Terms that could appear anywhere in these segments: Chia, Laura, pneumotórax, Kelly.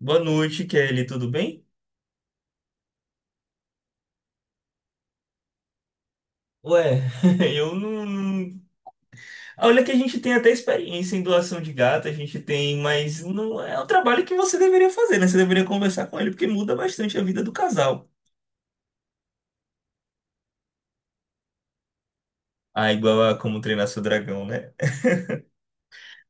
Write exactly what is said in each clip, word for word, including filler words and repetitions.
Boa noite, Kelly. Tudo bem? Ué, eu não, não- Olha que a gente tem até experiência em doação de gato, a gente tem, mas não é o trabalho que você deveria fazer, né? Você deveria conversar com ele, porque muda bastante a vida do casal. Ah, igual a como treinar seu dragão, né?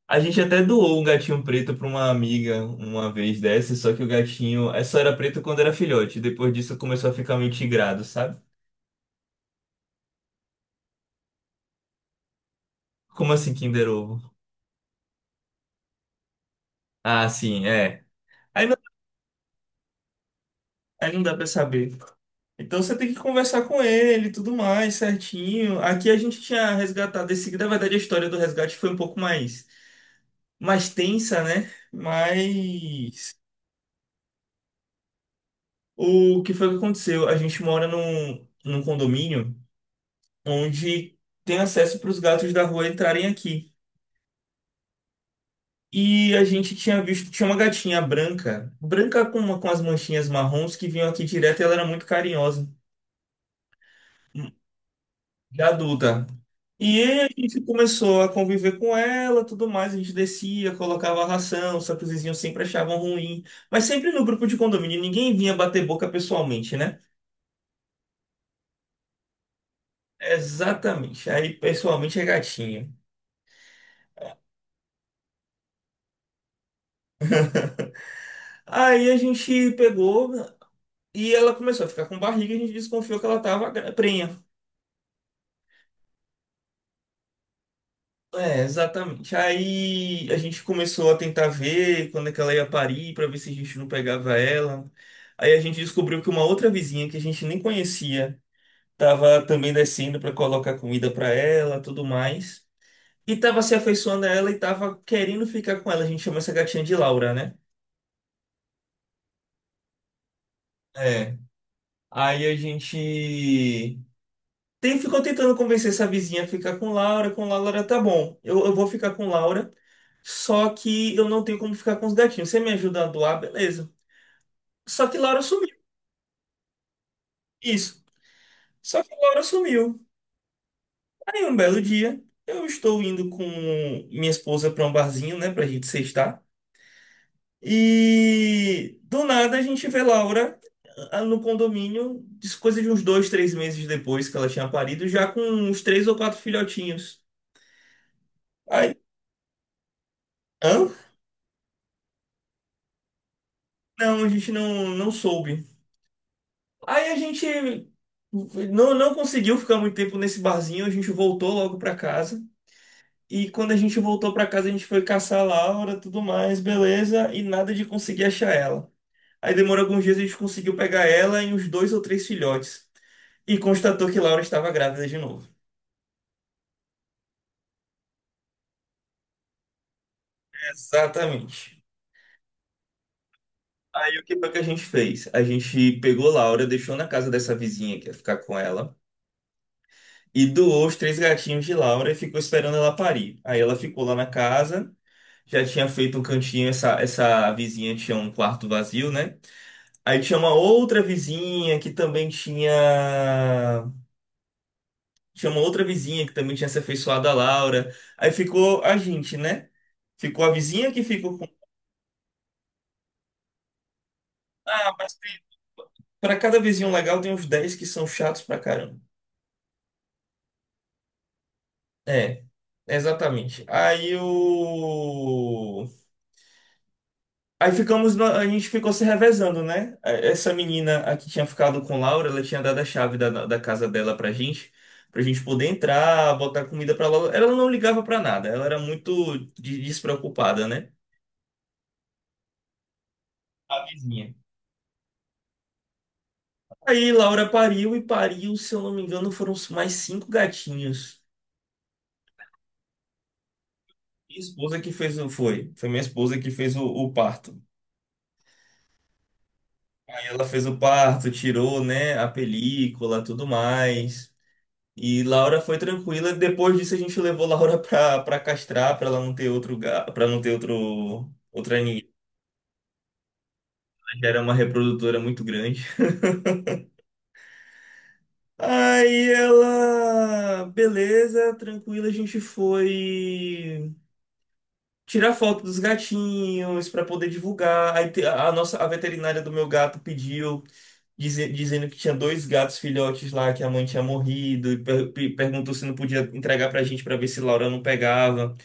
A gente até doou um gatinho preto para uma amiga uma vez dessa, só que o gatinho é, só era preto quando era filhote. Depois disso começou a ficar meio tigrado, sabe? Como assim, Kinder Ovo? Ah, sim, é. Aí não, aí não dá pra saber. Então você tem que conversar com ele e tudo mais, certinho. Aqui a gente tinha resgatado esse, na verdade a história do resgate foi um pouco mais mais tensa, né? Mas o que foi que aconteceu? A gente mora num, num condomínio onde tem acesso para os gatos da rua entrarem aqui. E a gente tinha visto, tinha uma gatinha branca, branca com, uma, com as manchinhas marrons que vinham aqui direto e ela era muito carinhosa. Da adulta. E aí a gente começou a conviver com ela, tudo mais, a gente descia, colocava a ração, só que os vizinhos sempre achavam ruim. Mas sempre no grupo de condomínio, ninguém vinha bater boca pessoalmente, né? Exatamente. Aí pessoalmente é gatinho. Aí a gente pegou e ela começou a ficar com barriga e a gente desconfiou que ela tava gra- prenha. É, exatamente. Aí a gente começou a tentar ver quando é que ela ia parir para ver se a gente não pegava ela. Aí a gente descobriu que uma outra vizinha que a gente nem conhecia tava também descendo para colocar comida para ela, tudo mais. E tava se afeiçoando a ela e tava querendo ficar com ela. A gente chama essa gatinha de Laura, né? É. Aí a gente Tem, Ficou tentando convencer essa vizinha a ficar com Laura, com Laura tá bom. Eu, eu vou ficar com Laura, só que eu não tenho como ficar com os gatinhos. Você me ajuda a doar, beleza. Só que Laura sumiu. Isso. Só que Laura sumiu. Aí um belo dia, eu estou indo com minha esposa para um barzinho, né, pra gente sextar. E do nada a gente vê Laura ah, no condomínio, isso coisa de uns dois, três meses depois que ela tinha parido, já com uns três ou quatro filhotinhos. Aí, hã? Não, a gente não, não soube. Aí a gente não, não conseguiu ficar muito tempo nesse barzinho, a gente voltou logo pra casa. E quando a gente voltou pra casa, a gente foi caçar a Laura, tudo mais, beleza, e nada de conseguir achar ela. Aí demorou alguns dias, a gente conseguiu pegar ela e uns dois ou três filhotes. E constatou que Laura estava grávida de novo. Exatamente. Aí o que foi que a gente fez? A gente pegou Laura, deixou na casa dessa vizinha que ia ficar com ela. E doou os três gatinhos de Laura e ficou esperando ela parir. Aí ela ficou lá na casa, já tinha feito um cantinho, essa, essa vizinha tinha um quarto vazio, né? Aí tinha uma outra vizinha que também tinha. Tinha uma outra vizinha que também tinha se afeiçoado a Laura. Aí ficou a gente, né? Ficou a vizinha que ficou com. Ah, mas tem- Pra cada vizinho legal tem uns dez que são chatos pra caramba. É, exatamente. Aí o. Aí ficamos, no- A gente ficou se revezando, né? Eh, Essa menina aqui tinha ficado com Laura, ela tinha dado a chave da, da casa dela pra gente, pra gente poder entrar, botar comida pra Laura. Ela não ligava pra nada, ela era muito de- despreocupada, né? A vizinha. Aí Laura pariu e pariu, se eu não me engano, foram mais cinco gatinhos. Minha esposa que fez o. Foi. Foi minha esposa que fez o, o parto. Aí ela fez o parto, tirou, né, a película, tudo mais. E Laura foi tranquila. Depois disso a gente levou Laura pra, pra castrar, pra ela não ter outro para não ter outro outra ninhada. Já era uma reprodutora muito grande. Aí ela, beleza, tranquila, a gente foi tirar foto dos gatinhos pra poder divulgar. Aí te- a nossa a veterinária do meu gato pediu dize- dizendo que tinha dois gatos filhotes lá que a mãe tinha morrido e per- pe- perguntou se não podia entregar pra gente pra ver se Laura não pegava.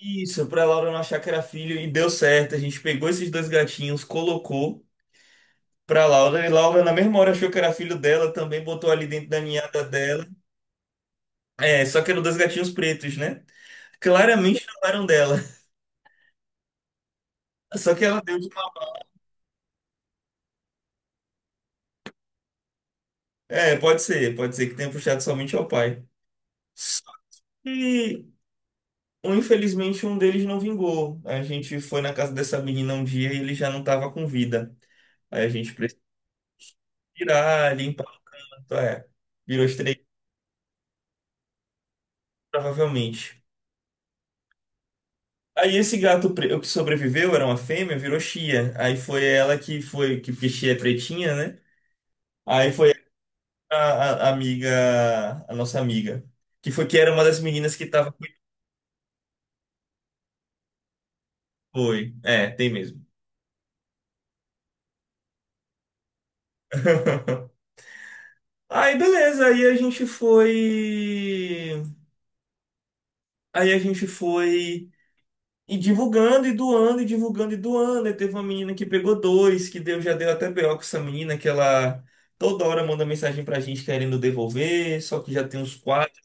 Isso, pra Laura não achar que era filho e deu certo. A gente pegou esses dois gatinhos, colocou pra Laura e Laura na mesma hora achou que era filho dela, também botou ali dentro da ninhada dela. É, só que eram dois gatinhos pretos, né? Claramente não eram dela. Só que ela deu de... É, pode ser, pode ser que tenha puxado somente ao pai. Só que, um, infelizmente, um deles não vingou. A gente foi na casa dessa menina um dia e ele já não estava com vida. Aí a gente precisou tirar, limpar, é, virou estreito, provavelmente. Aí esse gato pre- o que sobreviveu era uma fêmea, virou Chia. Aí foi ela que foi, que porque Chia é pretinha, né? Aí foi a, a- a amiga, a nossa amiga, que foi que era uma das meninas que tava com o boi. É, tem mesmo. Aí beleza, aí a gente foi, aí a gente foi e divulgando e doando e divulgando e doando. Aí teve uma menina que pegou dois, que deu já deu até B O com essa menina que ela toda hora manda mensagem pra gente querendo devolver, só que já tem uns quatro.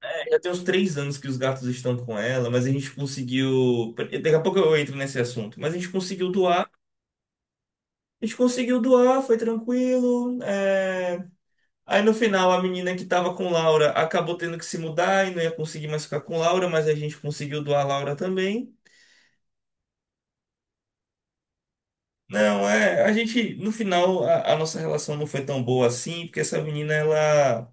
É, já tem uns três anos que os gatos estão com ela, mas a gente conseguiu. Daqui a pouco eu entro nesse assunto, mas a gente conseguiu doar. A gente conseguiu doar, foi tranquilo. É. Aí no final a menina que tava com Laura acabou tendo que se mudar e não ia conseguir mais ficar com Laura, mas a gente conseguiu doar Laura também. Não, é. A gente, no final, a, a nossa relação não foi tão boa assim, porque essa menina, ela,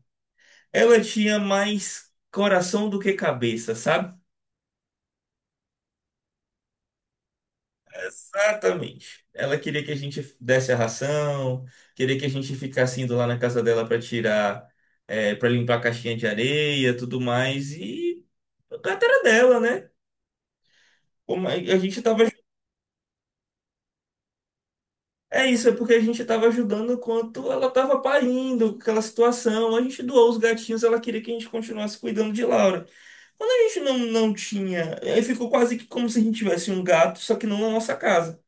ela tinha mais coração do que cabeça, sabe? Exatamente. Ela queria que a gente desse a ração, queria que a gente ficasse indo lá na casa dela para tirar, para limpar a caixinha de areia, tudo mais. E a carteira dela, né? Como a a gente tava. É isso, é porque a gente tava ajudando enquanto ela tava parindo, aquela situação. A gente doou os gatinhos, ela queria que a gente continuasse cuidando de Laura. Quando a gente não, não tinha, aí ficou quase que como se a gente tivesse um gato, só que não na nossa casa.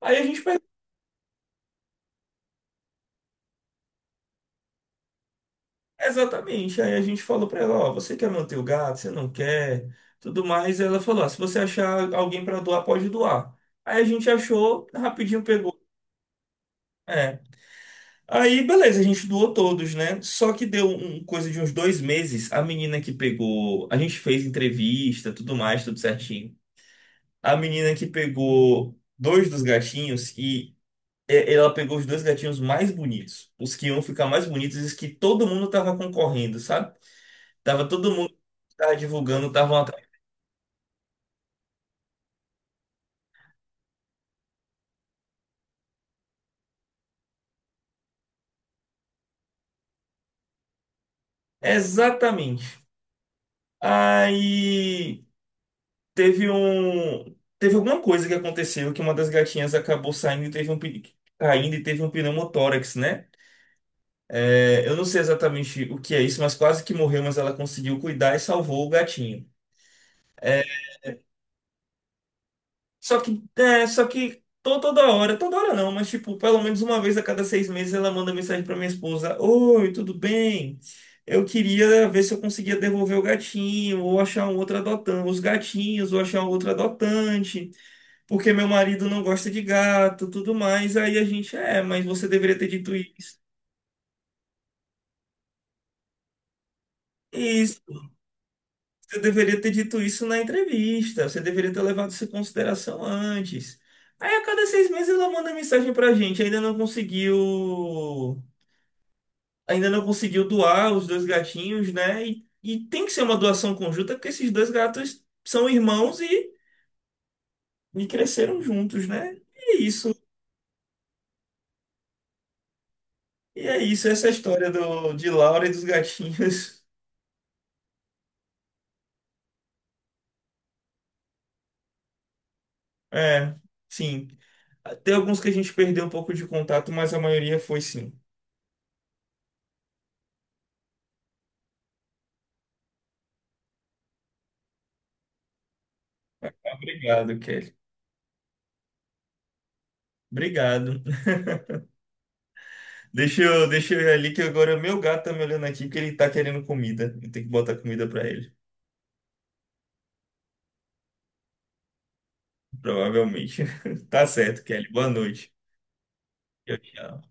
Aí a gente Exatamente. Aí a gente falou pra ela, ó, você quer manter o gato, você não quer, tudo mais. Ela falou, ó, se você achar alguém pra doar, pode doar. Aí a gente achou, rapidinho pegou. É. Aí, beleza, a gente doou todos, né? Só que deu um, um coisa de uns dois meses, a menina que pegou, a gente fez entrevista, tudo mais, tudo certinho. A menina que pegou dois dos gatinhos e é, ela pegou os dois gatinhos mais bonitos, os que iam ficar mais bonitos, e os que todo mundo tava concorrendo, sabe? Tava todo mundo que tava divulgando, estavam atrás. Exatamente. Aí teve um. Teve alguma coisa que aconteceu que uma das gatinhas acabou saindo e teve um pe- caindo e teve um pneumotórax, né? É, eu não sei exatamente o que é isso, mas quase que morreu, mas ela conseguiu cuidar e salvou o gatinho. É, só que, é, só que to- toda hora, toda hora não, mas tipo, pelo menos uma vez a cada seis meses ela manda mensagem pra minha esposa: Oi, tudo bem? Eu queria ver se eu conseguia devolver o gatinho, ou achar um outro adotante, os gatinhos, ou achar um outro adotante, porque meu marido não gosta de gato, tudo mais. Aí a gente, é, mas você deveria ter dito isso. Você deveria ter dito isso na entrevista. Você deveria ter levado isso em consideração antes. Aí a cada seis meses ela manda mensagem pra gente. Ainda não conseguiu. Ainda não conseguiu doar os dois gatinhos, né? E, e tem que ser uma doação conjunta, porque esses dois gatos são irmãos e, e cresceram juntos, né? E é isso. E é isso, essa é a história do, de Laura e dos gatinhos. É, sim. Tem alguns que a gente perdeu um pouco de contato, mas a maioria foi sim. Obrigado, Kelly. Obrigado. Deixa eu, deixa eu ir ali que agora meu gato tá me olhando aqui porque ele tá querendo comida. Eu tenho que botar comida pra ele, provavelmente. Tá certo, Kelly. Boa noite. Tchau, tchau.